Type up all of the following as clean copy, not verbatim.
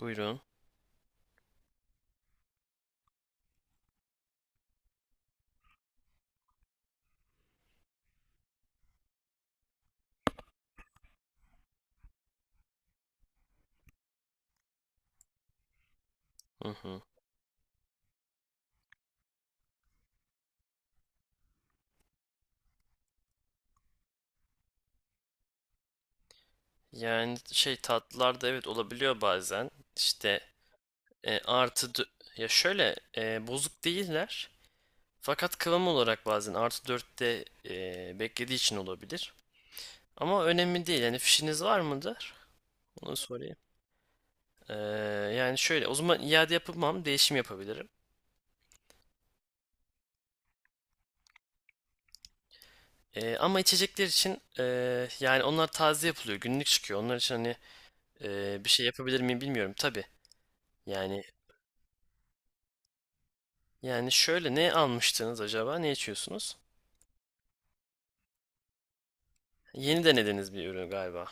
Buyurun. Hı hı. Yani tatlılarda evet olabiliyor bazen. İşte e, artı dö- ya şöyle e, bozuk değiller. Fakat kıvam olarak bazen artı dörtte beklediği için olabilir. Ama önemli değil. Yani fişiniz var mıdır? Onu sorayım. E, Yani şöyle o zaman iade yapamam. Değişim yapabilirim. Ama içecekler için yani onlar taze yapılıyor. Günlük çıkıyor. Onlar için bir şey yapabilir miyim bilmiyorum. Tabii. Yani Yani şöyle ne almıştınız acaba? Ne içiyorsunuz? Yeni denediğiniz bir ürün galiba.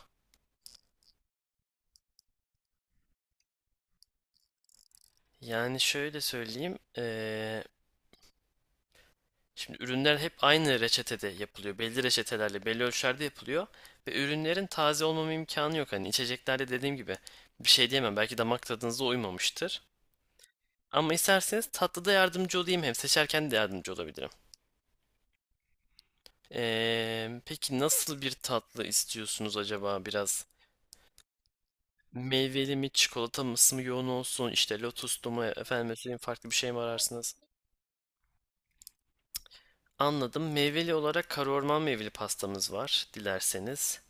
Yani şöyle söyleyeyim. Şimdi ürünler hep aynı reçetede yapılıyor. Belli reçetelerle, belli ölçülerde yapılıyor. Ve ürünlerin taze olmama imkanı yok. Hani içeceklerde dediğim gibi bir şey diyemem. Belki damak tadınıza uymamıştır. Ama isterseniz tatlıda yardımcı olayım. Hem seçerken de yardımcı olabilirim. Peki nasıl bir tatlı istiyorsunuz acaba biraz? Meyveli mi, çikolata mısı mı yoğun olsun, işte lotuslu mu, efendim söyleyeyim farklı bir şey mi ararsınız? Anladım. Meyveli olarak kara orman meyveli pastamız var, dilerseniz.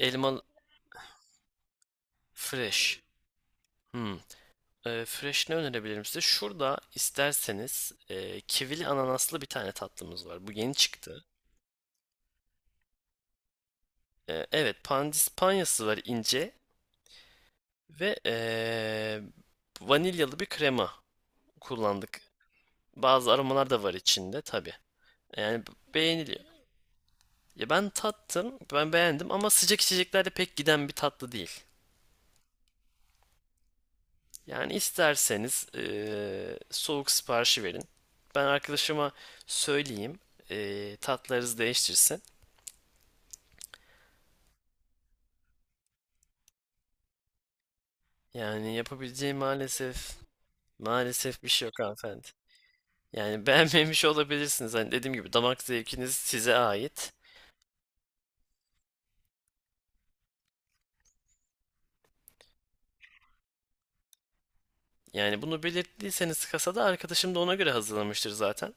Elmalı fresh. Hmm. Fresh ne önerebilirim size? Şurada isterseniz kivili ananaslı bir tane tatlımız var. Bu yeni çıktı. Evet, pandispanyası var ince ve vanilyalı bir krema kullandık. Bazı aromalar da var içinde tabii. Yani beğeniliyor. Ya ben tattım, ben beğendim ama sıcak içeceklerde pek giden bir tatlı değil. Yani isterseniz soğuk siparişi verin. Ben arkadaşıma söyleyeyim, tatlarınızı değiştirsin. Yani yapabileceğim maalesef bir şey yok hanımefendi. Yani beğenmemiş olabilirsiniz. Hani dediğim gibi damak zevkiniz size ait. Yani bunu belirttiyseniz kasada arkadaşım da ona göre hazırlamıştır zaten.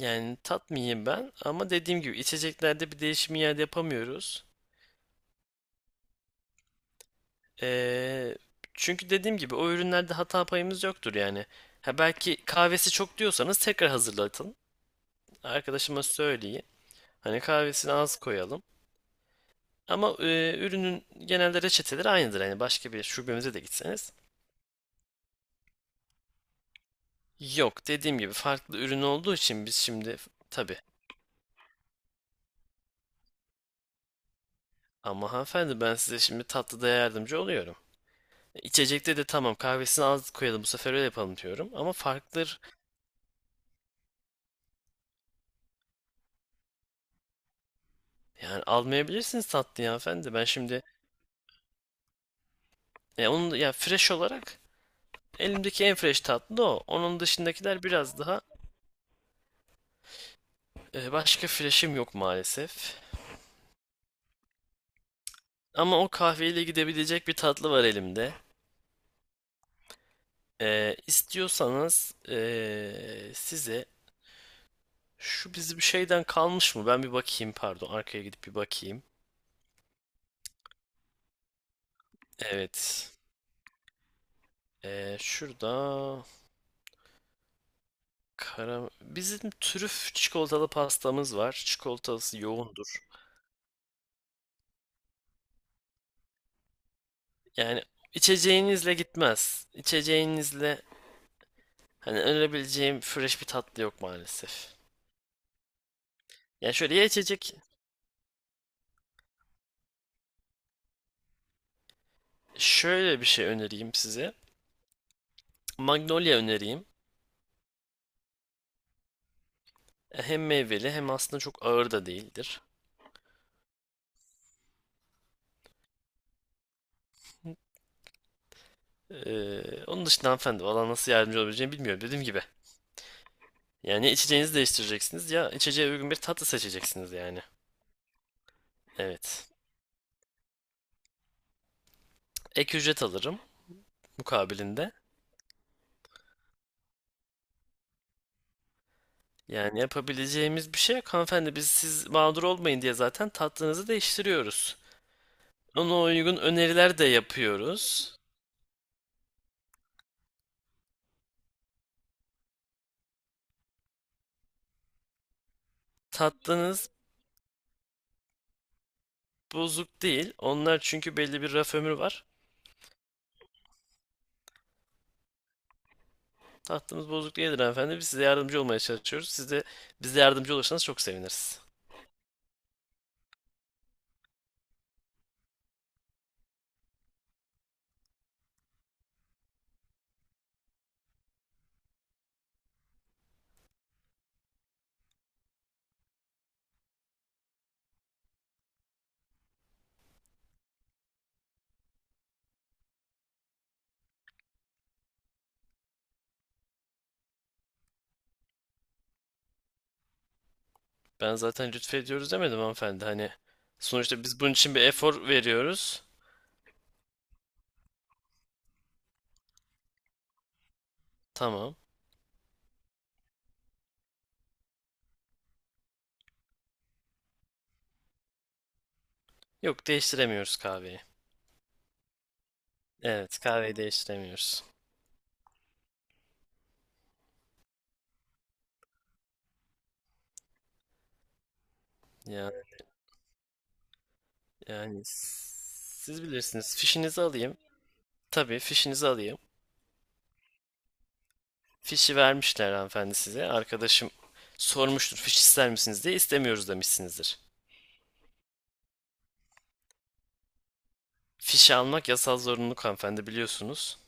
Yani tatmayayım ben ama dediğim gibi içeceklerde bir değişim iade yapamıyoruz. Ee, Çünkü dediğim gibi o ürünlerde hata payımız yoktur yani. Ha belki kahvesi çok diyorsanız tekrar hazırlatın. Arkadaşıma söyleyin. Hani kahvesini az koyalım. Ama ürünün genelde reçeteleri aynıdır. Hani başka bir şubemize de gitseniz. Yok dediğim gibi farklı ürün olduğu için biz şimdi tabii. Ama hanımefendi ben size şimdi tatlıda yardımcı oluyorum. İçecekte de tamam kahvesini az koyalım bu sefer öyle yapalım diyorum. Ama farklıdır. Yani almayabilirsiniz tatlıyı hanımefendi. Ben şimdi E, onun ya fresh olarak elimdeki en fresh tatlı o. Onun dışındakiler biraz daha başka fresh'im yok maalesef. Ama o kahveyle gidebilecek bir tatlı var elimde. İstiyorsanız size şu bizim şeyden kalmış mı? Ben bir bakayım pardon arkaya gidip bir bakayım. Evet. Şurada kara... Bizim trüf çikolatalı pastamız var. Çikolatası yoğundur. Yani içeceğinizle gitmez. İçeceğinizle hani önerebileceğim fresh bir tatlı yok maalesef. Yani şöyle ya içecek Şöyle bir şey önereyim size. Magnolia önereyim. Hem meyveli hem aslında çok ağır da değildir. Onun dışında hanımefendi valla nasıl yardımcı olabileceğimi bilmiyorum dediğim gibi. Yani içeceğinizi değiştireceksiniz ya içeceğe uygun bir tatlı seçeceksiniz yani. Evet. Ek ücret alırım mukabilinde. Yani yapabileceğimiz bir şey yok hanımefendi. Biz siz mağdur olmayın diye zaten tatlınızı değiştiriyoruz. Ona uygun öneriler de yapıyoruz. Tatlınız bozuk değil. Onlar çünkü belli bir raf ömrü var. Tatlımız bozuk değildir hanımefendi. Biz size yardımcı olmaya çalışıyoruz. Siz de bize yardımcı olursanız çok seviniriz. Ben zaten lütfediyoruz demedim hanımefendi. Hani sonuçta biz bunun için bir efor veriyoruz. Tamam. Yok değiştiremiyoruz kahveyi. Evet kahveyi değiştiremiyoruz. Ya, yani siz bilirsiniz. Fişinizi alayım. Tabii fişinizi alayım. Fişi vermişler hanımefendi size. Arkadaşım sormuştur fiş ister misiniz diye istemiyoruz demişsinizdir. Fişe almak yasal zorunluluk hanımefendi biliyorsunuz.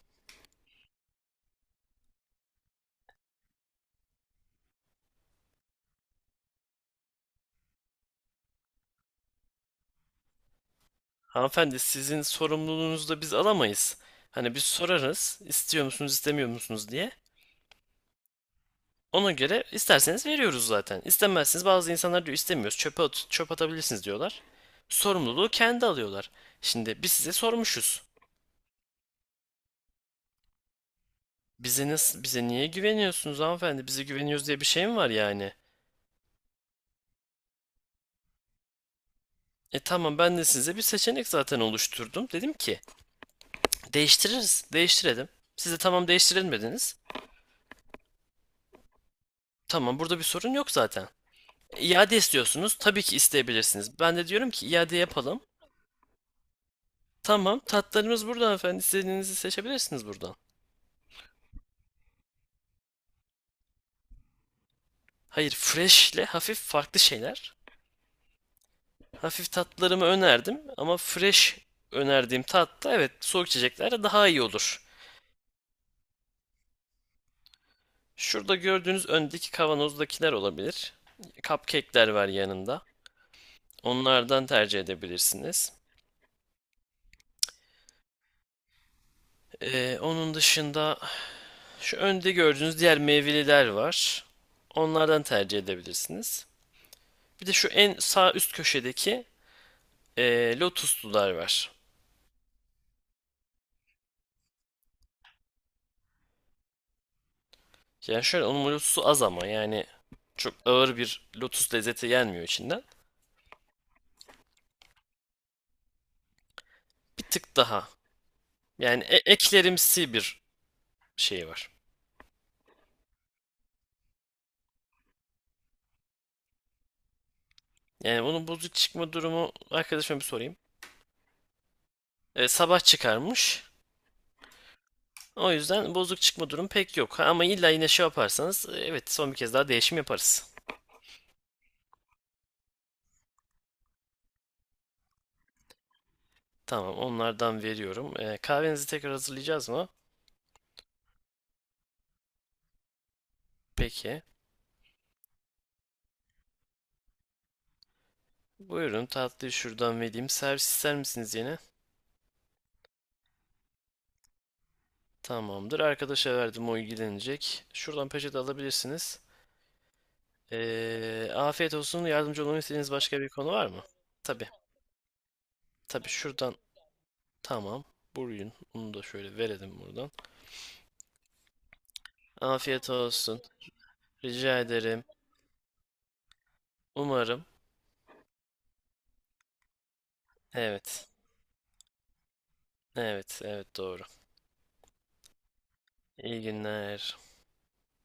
Hanımefendi sizin sorumluluğunuzu da biz alamayız. Hani biz sorarız istiyor musunuz istemiyor musunuz diye. Ona göre isterseniz veriyoruz zaten. İstemezsiniz bazı insanlar diyor istemiyoruz çöpe at, çöp atabilirsiniz diyorlar. Sorumluluğu kendi alıyorlar. Şimdi biz size sormuşuz. Bize niye güveniyorsunuz hanımefendi? Bize güveniyoruz diye bir şey mi var yani? E tamam ben de size bir seçenek zaten oluşturdum. Dedim ki değiştirelim. Siz de tamam değiştirelim dediniz. Tamam, burada bir sorun yok zaten. İade istiyorsunuz. Tabii ki isteyebilirsiniz. Ben de diyorum ki iade yapalım. Tamam, tatlarımız burada efendim. İstediğinizi seçebilirsiniz buradan. Hayır, fresh ile hafif farklı şeyler. Hafif tatlarımı önerdim ama fresh önerdiğim tatta evet soğuk içeceklerde daha iyi olur. Şurada gördüğünüz öndeki kavanozdakiler olabilir. Cupcake'ler var yanında. Onlardan tercih edebilirsiniz. Onun dışında Şu önde gördüğünüz diğer meyveliler var. Onlardan tercih edebilirsiniz. Bir de şu en sağ üst köşedeki lotuslular var. Yani şöyle onun lotusu az ama yani çok ağır bir lotus lezzeti gelmiyor içinden. Bir tık daha. Yani eklerimsi bir şey var. Yani bunun bozuk çıkma durumu arkadaşıma bir sorayım. Sabah çıkarmış. O yüzden bozuk çıkma durumu pek yok. Ha, ama illa yine şey yaparsanız evet son bir kez daha değişim yaparız. Tamam, onlardan veriyorum. Kahvenizi tekrar hazırlayacağız mı? Peki. Buyurun, tatlıyı şuradan vereyim. Servis ister misiniz yine? Tamamdır. Arkadaşa verdim, o ilgilenecek. Şuradan peçete alabilirsiniz. Afiyet olsun. Yardımcı olmamı istediğiniz başka bir konu var mı? Tabii. Tabii şuradan. Tamam. Buyurun. Onu da şöyle verelim buradan. Afiyet olsun. Rica ederim. Umarım. Evet. Evet. Evet doğru. İyi günler.